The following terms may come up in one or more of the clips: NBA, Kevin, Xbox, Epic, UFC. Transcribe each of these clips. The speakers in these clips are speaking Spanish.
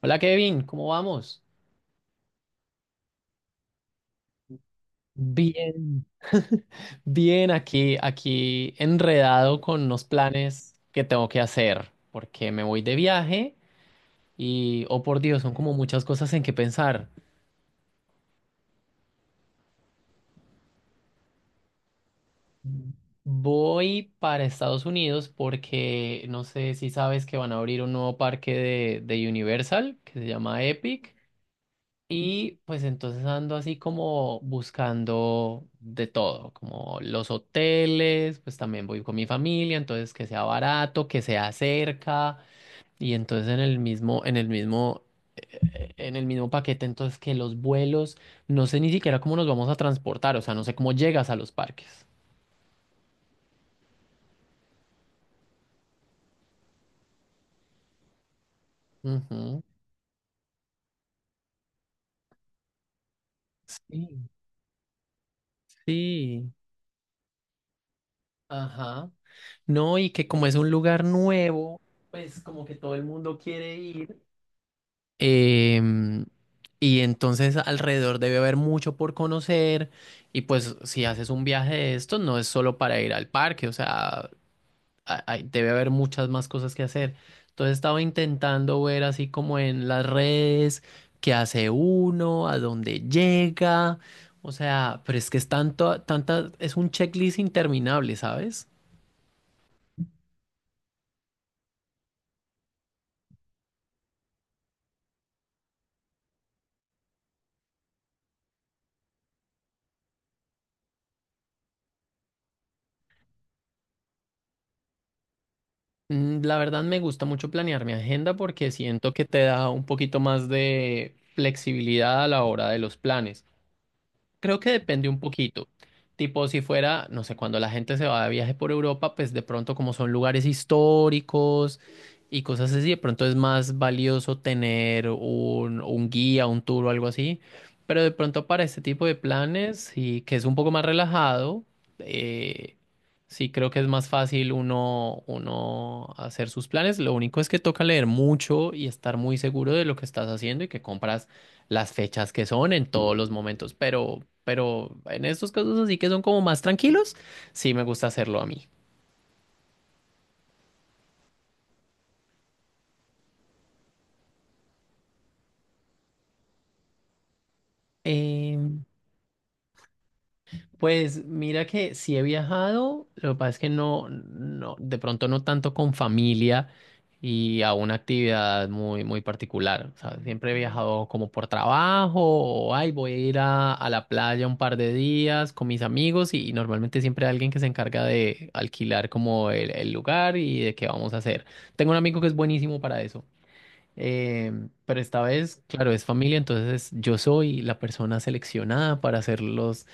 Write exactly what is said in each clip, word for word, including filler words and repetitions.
Hola Kevin, ¿cómo vamos? Bien, Bien, aquí, aquí enredado con unos planes que tengo que hacer, porque me voy de viaje y, oh por Dios, son como muchas cosas en que pensar. Voy para Estados Unidos porque no sé si sabes que van a abrir un nuevo parque de, de Universal que se llama Epic. Y pues entonces ando así como buscando de todo, como los hoteles, pues también voy con mi familia, entonces que sea barato, que sea cerca, y entonces en el mismo, en el mismo, eh, en el mismo paquete, entonces que los vuelos, no sé ni siquiera cómo nos vamos a transportar, o sea, no sé cómo llegas a los parques. Ujú. Sí, sí, ajá. No, y que como es un lugar nuevo, pues como que todo el mundo quiere ir. Em, y entonces alrededor debe haber mucho por conocer, y pues si haces un viaje de estos no es solo para ir al parque, o sea, ha- hay- debe haber muchas más cosas que hacer. Entonces estaba intentando ver así como en las redes qué hace uno, a dónde llega, o sea, pero es que es tanto, tanta, es un checklist interminable, ¿sabes? Mm, La verdad me gusta mucho planear mi agenda porque siento que te da un poquito más de flexibilidad a la hora de los planes. Creo que depende un poquito. Tipo, si fuera, no sé, cuando la gente se va de viaje por Europa, pues de pronto como son lugares históricos y cosas así, de pronto es más valioso tener un, un guía, un tour o algo así. Pero de pronto para este tipo de planes, y que es un poco más relajado, eh, sí creo que es más fácil uno, uno hacer sus planes. Lo único es que toca leer mucho y estar muy seguro de lo que estás haciendo y que compras las fechas que son en todos los momentos, pero, pero en estos casos así que son como más tranquilos, sí me gusta hacerlo a mí. Pues mira que sí he viajado, lo que pasa es que no, no, de pronto no tanto con familia y a una actividad muy, muy particular. O sea, siempre he viajado como por trabajo o, ay, voy a ir a, a la playa un par de días con mis amigos y, y normalmente siempre hay alguien que se encarga de alquilar como el, el lugar y de qué vamos a hacer. Tengo un amigo que es buenísimo para eso. Em, pero esta vez, claro, es familia, entonces yo soy la persona seleccionada para hacer los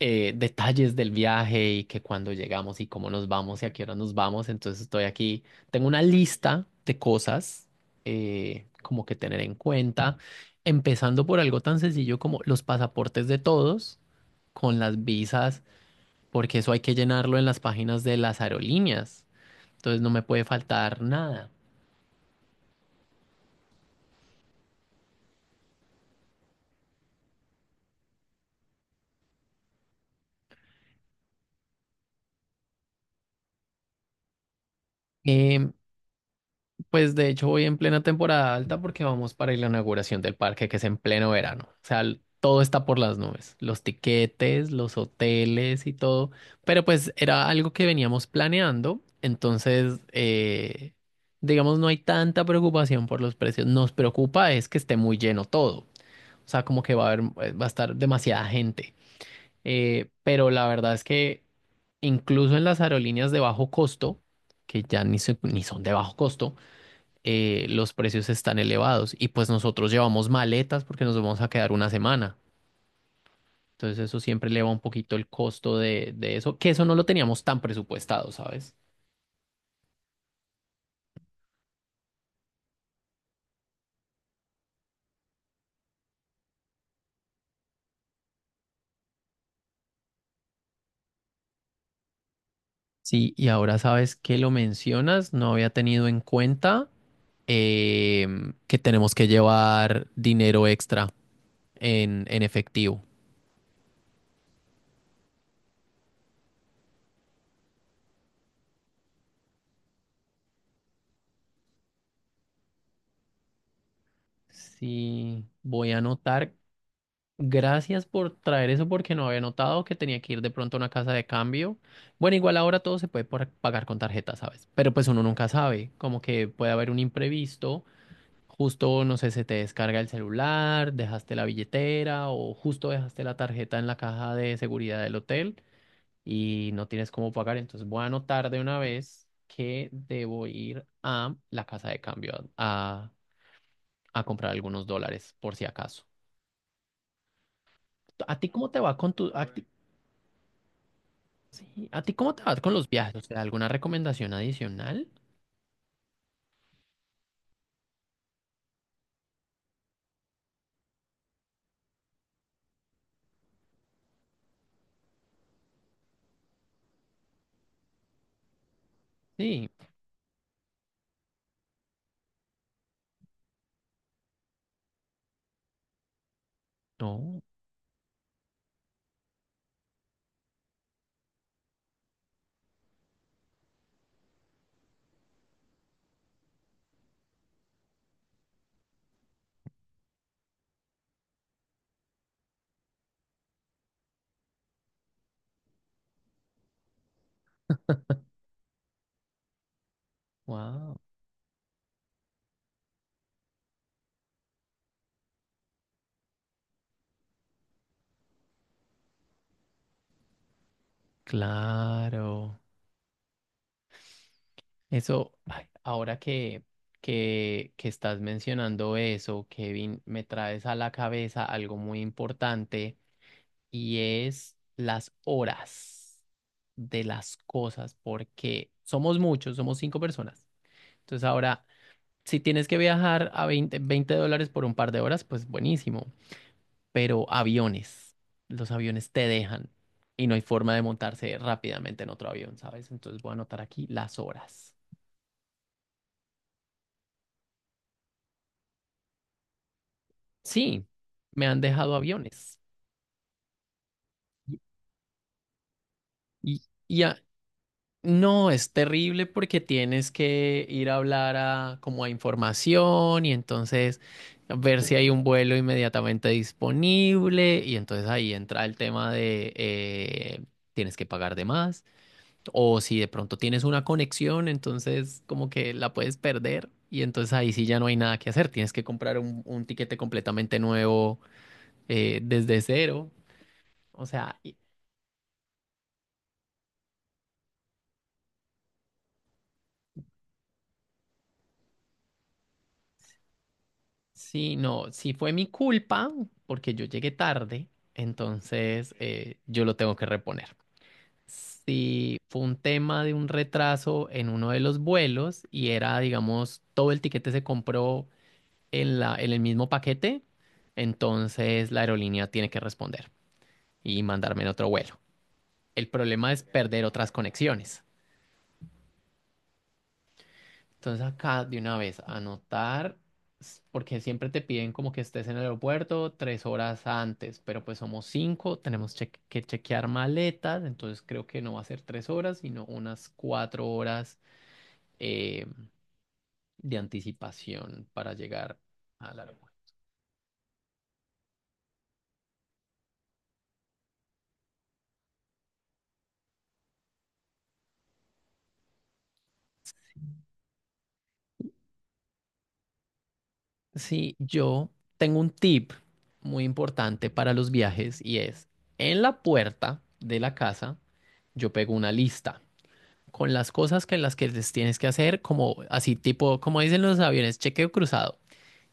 eh, detalles del viaje y que cuando llegamos y cómo nos vamos y a qué hora nos vamos. Entonces estoy aquí, tengo una lista de cosas eh, como que tener en cuenta, empezando por algo tan sencillo como los pasaportes de todos con las visas, porque eso hay que llenarlo en las páginas de las aerolíneas. Entonces no me puede faltar nada. Em, Pues de hecho voy en plena temporada alta porque vamos para la inauguración del parque que es en pleno verano. O sea, l- todo está por las nubes, los tiquetes, los hoteles y todo. Pero pues era algo que veníamos planeando, entonces eh, digamos no hay tanta preocupación por los precios. Nos preocupa es que esté muy lleno todo. O sea, como que va a haber, eh, va a estar demasiada gente. Eh, pero la verdad es que incluso en las aerolíneas de bajo costo, que ya ni, se- ni son de bajo costo, eh, los precios están elevados y pues nosotros llevamos maletas porque nos vamos a quedar una semana. Entonces eso siempre eleva un poquito el costo de, de eso, que eso no lo teníamos tan presupuestado, ¿sabes? Sí, y ahora sabes que lo mencionas, no había tenido en cuenta em, que tenemos que llevar dinero extra en, en efectivo. Sí, voy a anotar. Gracias por traer eso porque no había notado que tenía que ir de pronto a una casa de cambio. Bueno, igual ahora todo se puede por- pagar con tarjeta, ¿sabes? Pero pues uno nunca sabe, como que puede haber un imprevisto, justo, no sé, se te descarga el celular, dejaste la billetera o justo dejaste la tarjeta en la caja de seguridad del hotel y no tienes cómo pagar. Entonces voy a anotar de una vez que debo ir a la casa de cambio a, a a comprar algunos dólares por si acaso. ¿A ti cómo te va con tu, a ti? Sí. ¿A ti cómo te vas con los viajes? O sea, ¿alguna recomendación adicional? Sí. No. Wow. Claro. Eso, ay, ahora que, que, que estás mencionando eso, Kevin, me traes a la cabeza algo muy importante, y es las horas de las cosas, porque somos muchos, somos cinco personas. Entonces ahora, si tienes que viajar a veinte veinte dólares por un par de horas, pues buenísimo. Pero aviones, los aviones te dejan y no hay forma de montarse rápidamente en otro avión, ¿sabes? Entonces voy a anotar aquí las horas. Sí, me han dejado aviones. Y, y- y a- no, es terrible porque tienes que ir a hablar a, como a información, y entonces ver si hay un vuelo inmediatamente disponible y entonces ahí entra el tema de eh, tienes que pagar de más. O si de pronto tienes una conexión, entonces como que la puedes perder y entonces ahí sí ya no hay nada que hacer. Tienes que comprar un, un tiquete completamente nuevo eh, desde cero. O sea, y- sí, no, sí fue mi culpa porque yo llegué tarde, entonces eh, yo lo tengo que reponer. Sí, fue un tema de un retraso en uno de los vuelos y era, digamos, todo el tiquete se compró en la, en el mismo paquete, entonces la aerolínea tiene que responder y mandarme en otro vuelo. El problema es perder otras conexiones. Entonces acá de una vez anotar, s- porque siempre te piden como que estés en el aeropuerto tres horas antes, pero pues somos cinco, tenemos che- que chequear maletas, entonces creo que no va a ser tres horas, sino unas cuatro horas eh, de anticipación para llegar al aeropuerto. Sí, yo tengo un tip muy importante para los viajes y es, en la puerta de la casa, yo pego una lista con las cosas que las que les tienes que hacer, como así tipo, como dicen los aviones, chequeo cruzado.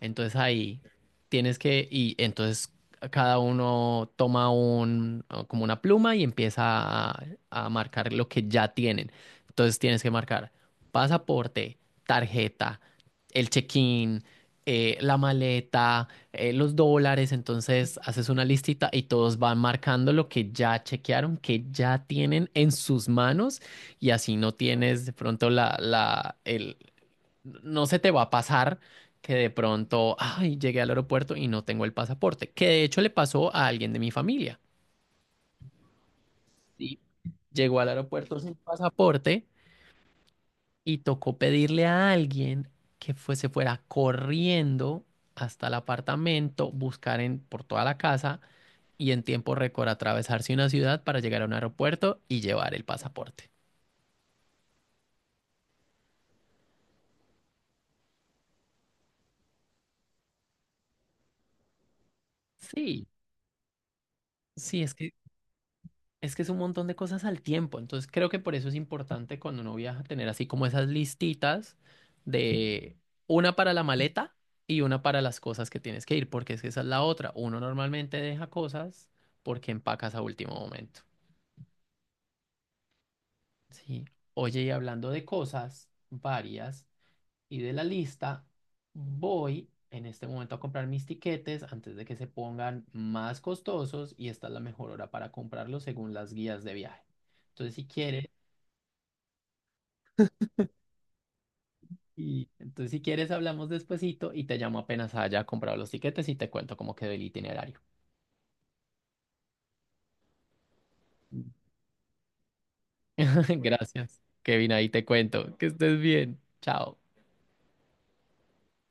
Entonces ahí tienes que, y entonces cada uno toma un, como una pluma y empieza a, a marcar lo que ya tienen. Entonces tienes que marcar pasaporte, tarjeta, el check-in, eh, la maleta, eh, los dólares. Entonces haces una listita y todos van marcando lo que ya chequearon, que ya tienen en sus manos, y así no tienes de pronto la, la, el, no se te va a pasar que de pronto, ay, llegué al aeropuerto y no tengo el pasaporte, que de hecho le pasó a alguien de mi familia. ¿Sí? Llegó al aeropuerto sin pasaporte y tocó pedirle a alguien que fue- se fuera corriendo hasta el apartamento, buscar en, por toda la casa y en tiempo récord atravesarse una ciudad para llegar a un aeropuerto y llevar el pasaporte. Sí, sí, es que Es que Es un montón de cosas al tiempo, entonces creo que por eso es importante cuando uno viaja tener así como esas listitas, de una para la maleta y una para las cosas que tienes que ir, porque es que esa es la otra. Uno normalmente deja cosas porque empacas a último momento. Sí. Oye, y hablando de cosas varias y de la lista, voy en este momento a comprar mis tiquetes antes de que se pongan más costosos y esta es la mejor hora para comprarlos según las guías de viaje. Entonces, si quieres... Y entonces, si quieres, hablamos despuesito y te llamo apenas haya comprado los tiquetes y te cuento cómo quedó el itinerario. Gracias, Kevin, ahí te cuento. Que estés bien. Chao.